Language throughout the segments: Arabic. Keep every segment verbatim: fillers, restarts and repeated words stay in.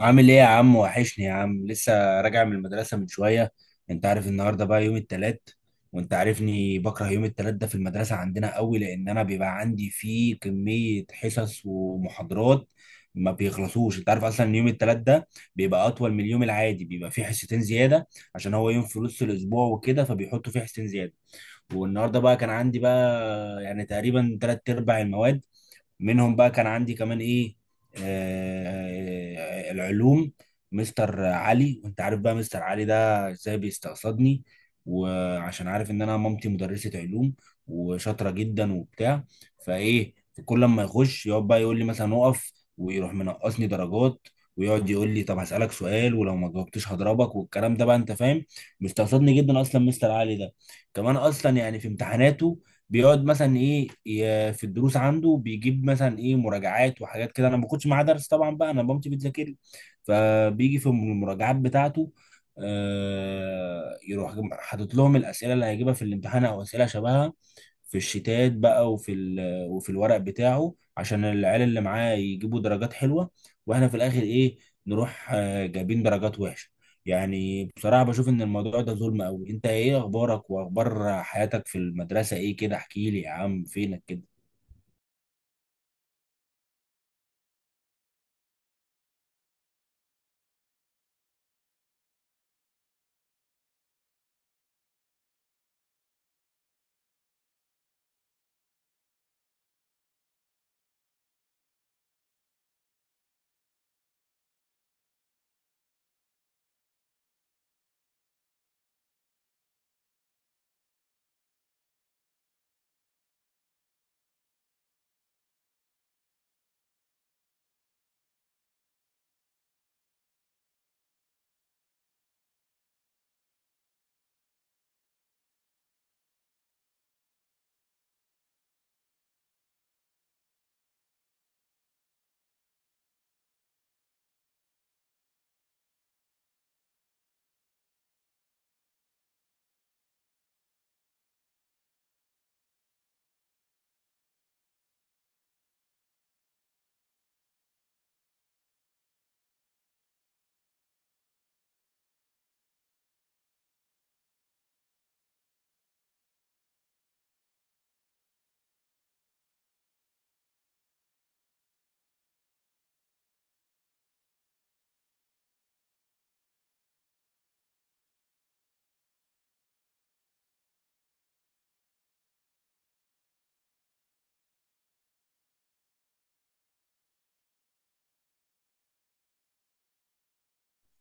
عامل ايه يا عم، وحشني يا عم. لسه راجع من المدرسة من شوية. انت عارف النهاردة بقى يوم التلات، وانت عارفني بكره يوم التلات ده في المدرسة عندنا قوي، لان انا بيبقى عندي فيه كمية حصص ومحاضرات ما بيخلصوش. انت عارف اصلا ان يوم التلات ده بيبقى اطول من اليوم العادي، بيبقى فيه حصتين زيادة عشان هو يوم في نص الاسبوع وكده، فبيحطوا فيه حصتين زيادة. والنهارده بقى كان عندي بقى يعني تقريبا تلات ارباع المواد، منهم بقى كان عندي كمان ايه، آه العلوم. مستر علي، وانت عارف بقى مستر علي ده ازاي بيستقصدني، وعشان عارف ان انا مامتي مدرسة علوم وشاطرة جدا وبتاع، فايه كل ما يخش يقعد بقى يقول لي مثلا اقف ويروح منقصني درجات، ويقعد يقول لي طب هسألك سؤال ولو ما جاوبتش هضربك، والكلام ده بقى انت فاهم. مستقصدني جدا اصلا مستر علي ده. كمان اصلا يعني في امتحاناته بيقعد مثلا ايه ي- في الدروس عنده بيجيب مثلا ايه مراجعات وحاجات كده. انا ما باخدش معاه درس طبعا بقى، انا مامتي بتذاكر لي، فبيجي في المراجعات بتاعته آه، يروح حاطط لهم الاسئله اللي هيجيبها في الامتحان او اسئله شبهها في الشتات بقى وفي ال- وفي الورق بتاعه عشان العيال اللي معاه يجيبوا درجات حلوه، واحنا في الاخر ايه، نروح آه، جايبين درجات وحشه. يعني بصراحة بشوف إن الموضوع ده ظلم أوي. أنت إيه أخبارك وأخبار حياتك في المدرسة إيه كده؟ احكي لي يا عم، فينك كده؟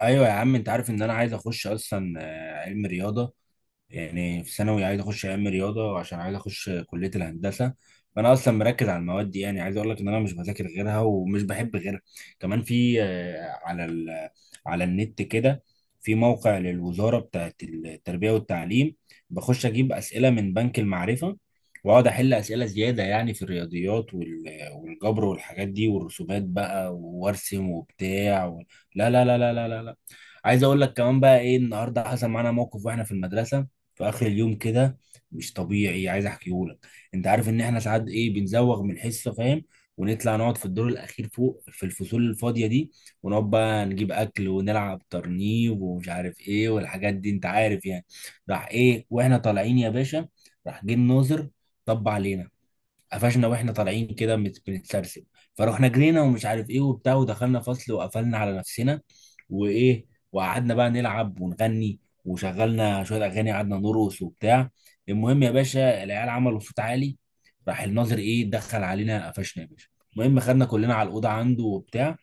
أيوه يا عم، أنت عارف إن أنا عايز أخش أصلا آه، علم رياضة. يعني في ثانوي عايز اخش ايام رياضه عشان عايز اخش كليه الهندسه، فانا اصلا مركز على المواد دي. يعني عايز اقول لك ان انا مش بذاكر غيرها ومش بحب غيرها. كمان في آه، على ال، على النت كده في موقع للوزاره بتاعه التربيه والتعليم، بخش اجيب اسئله من بنك المعرفه، واقعد احل اسئله زياده يعني في الرياضيات وال- والجبر والحاجات دي والرسومات بقى وارسم وبتاع و... لا لا لا لا لا لا. عايز اقول لك كمان بقى ايه، النهارده حصل معانا موقف واحنا في المدرسه في اخر اليوم كده، مش طبيعي، عايز احكيه لك. انت عارف ان احنا ساعات ايه بنزوغ من الحصه، فاهم، ونطلع نقعد في الدور الاخير فوق في الفصول الفاضيه دي، ونقعد بقى نجيب اكل ونلعب ترنيب ومش عارف ايه والحاجات دي، انت عارف يعني. راح ايه واحنا طالعين يا باشا، راح جه الناظر، طب علينا، قفشنا واحنا طالعين كده مت- بنتسرسب، فروحنا جرينا ومش عارف ايه وبتاع ودخلنا فصل وقفلنا على نفسنا. وايه، وقعدنا بقى نلعب ونغني وشغلنا شويه اغاني، قعدنا نرقص وبتاع. المهم يا باشا العيال عملوا صوت عالي، راح الناظر ايه دخل علينا، قفشنا يا باشا. المهم خدنا كلنا على الاوضه عنده وبتاع،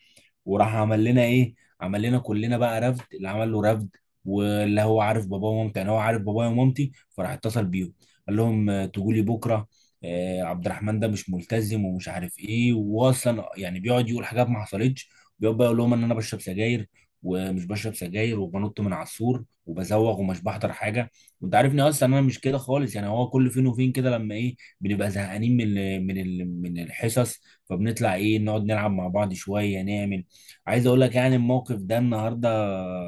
وراح عمل لنا ايه، عمل لنا كلنا بقى رفد، اللي عمل له رفد، واللي هو عارف باباه ومامتي، انا هو عارف بابايا ومامتي، فراح اتصل بيهم. قال لهم آه، تجوا لي بكره، آه، عبد الرحمن ده مش ملتزم ومش عارف ايه، واصلا يعني بيقعد يقول حاجات ما حصلتش. بيقعد بقى يقول لهم ان انا بشرب سجاير، ومش بشرب سجاير، وبنط من على السور وبزوغ ومش بحضر حاجه، وانت عارفني اصلا انا مش كده خالص. يعني هو كل فين وفين كده لما ايه بنبقى زهقانين من ال- من ال- من الحصص، فبنطلع ايه نقعد نلعب مع بعض شويه نعمل. عايز اقول لك يعني الموقف ده النهارده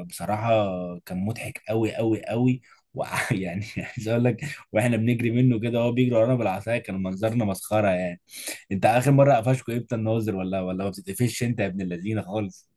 بصراحه كان مضحك قوي قوي قوي، ويعني عايز اقول لك، واحنا بنجري منه كده وهو بيجري ورانا بالعصايه، كان منظرنا مسخره يعني. انت اخر مره قفشكوا امتى الناظر؟ ولا ولا ما بتتقفش انت يا ابن اللذينه خالص؟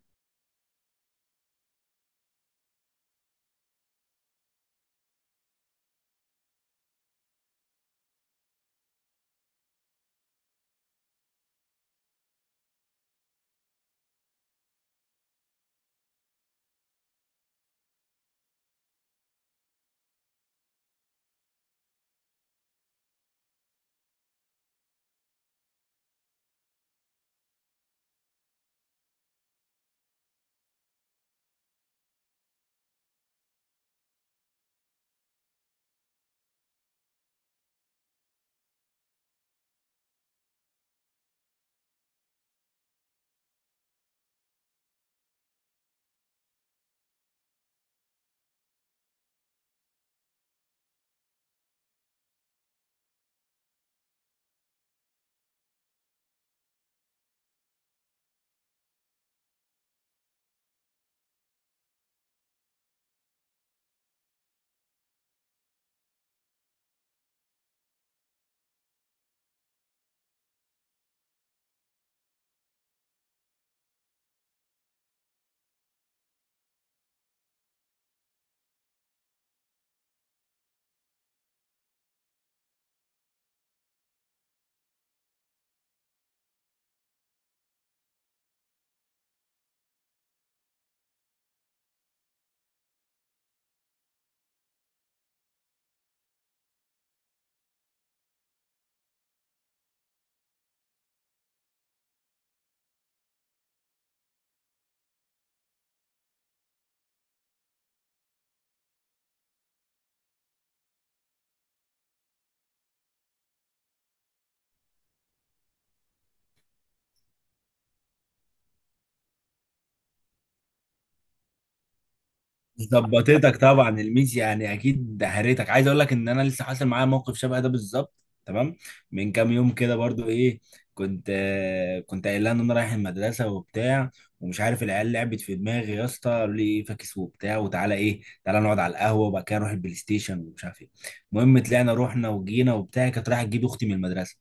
ظبطتك طبعا الميس، يعني اكيد دهرتك. عايز اقول لك ان انا لسه حاصل معايا موقف شبه ده بالظبط، تمام، من كام يوم كده برضو ايه. كنت آه، كنت قايل لها ان انا رايح المدرسه وبتاع، ومش عارف العيال لعبت في دماغي يا اسطى، قالوا لي ايه فاكس وبتاع، وتعالى ايه تعالى نقعد على القهوه وبعد كده نروح البلاي ستيشن ومش عارف ايه. المهم طلعنا رحنا وجينا وبتاع. كانت رايحه تجيب اختي من المدرسه،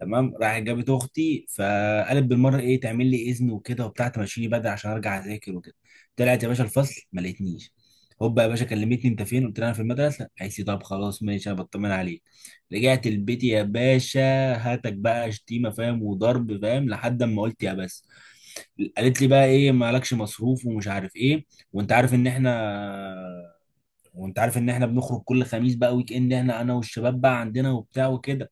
تمام، راحت جابت اختي فقالت بالمره ايه تعمل لي اذن وكده وبتاع، تمشيني بدري عشان ارجع اذاكر وكده. طلعت يا باشا الفصل ما لقيتنيش، هوبا يا باشا كلمتني انت فين، قلت لها انا في المدرسه، قالت لي طب خلاص ماشي انا بطمن عليك. رجعت البيت يا باشا، هاتك بقى شتيمه فاهم وضرب فاهم لحد اما قلت يا بس. قالت لي بقى ايه مالكش مصروف ومش عارف ايه، وانت عارف ان احنا، وانت عارف ان احنا بنخرج كل خميس بقى ويك اند، احنا انا والشباب بقى عندنا وبتاع وكده.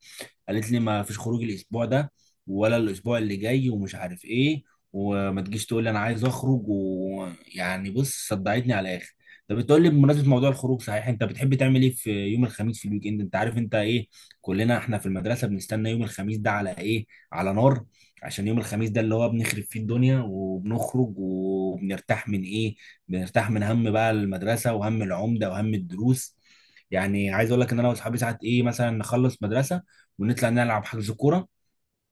قالت لي ما فيش خروج الاسبوع ده ولا الاسبوع اللي جاي ومش عارف ايه، وما تجيش تقول لي انا عايز اخرج، ويعني بص صدعتني على الاخر. طب بتقول لي بمناسبه موضوع الخروج، صحيح انت بتحب تعمل ايه في يوم الخميس في الويك اند؟ انت عارف انت ايه؟ كلنا احنا في المدرسه بنستنى يوم الخميس ده على ايه؟ على نار، عشان يوم الخميس ده اللي هو بنخرب فيه الدنيا وبنخرج وبنرتاح من ايه، بنرتاح من هم بقى المدرسه وهم العمده وهم الدروس. يعني عايز اقول لك ان انا واصحابي ساعات ايه مثلا نخلص مدرسه، ونطلع نلعب حجز كوره،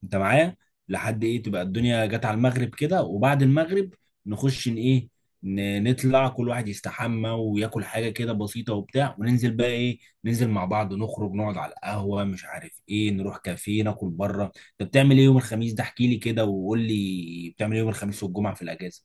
انت معايا، لحد ايه تبقى الدنيا جت على المغرب كده، وبعد المغرب نخش ان ايه، ن- نطلع كل واحد يستحمى وياكل حاجه كده بسيطه وبتاع، وننزل بقى ايه، ننزل مع بعض نخرج نقعد على القهوه مش عارف ايه نروح كافيه ناكل بره. انت بتعمل ايه يوم الخميس ده؟ احكي لي كده وقول لي بتعمل ايه يوم الخميس والجمعه في الاجازه.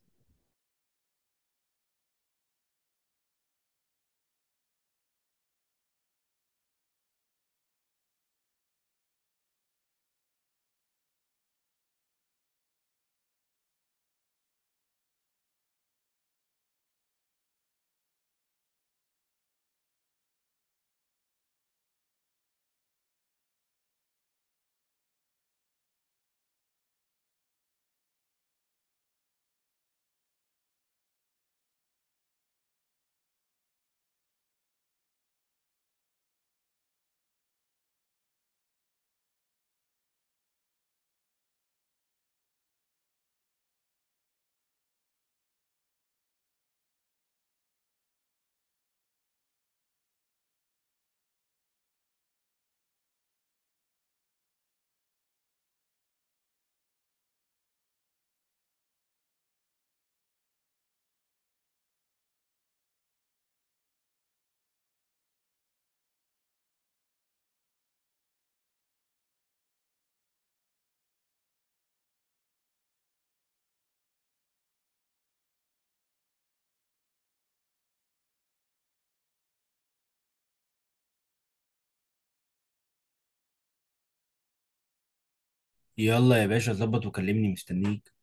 يلا يا باشا ظبط وكلمني مستنيك.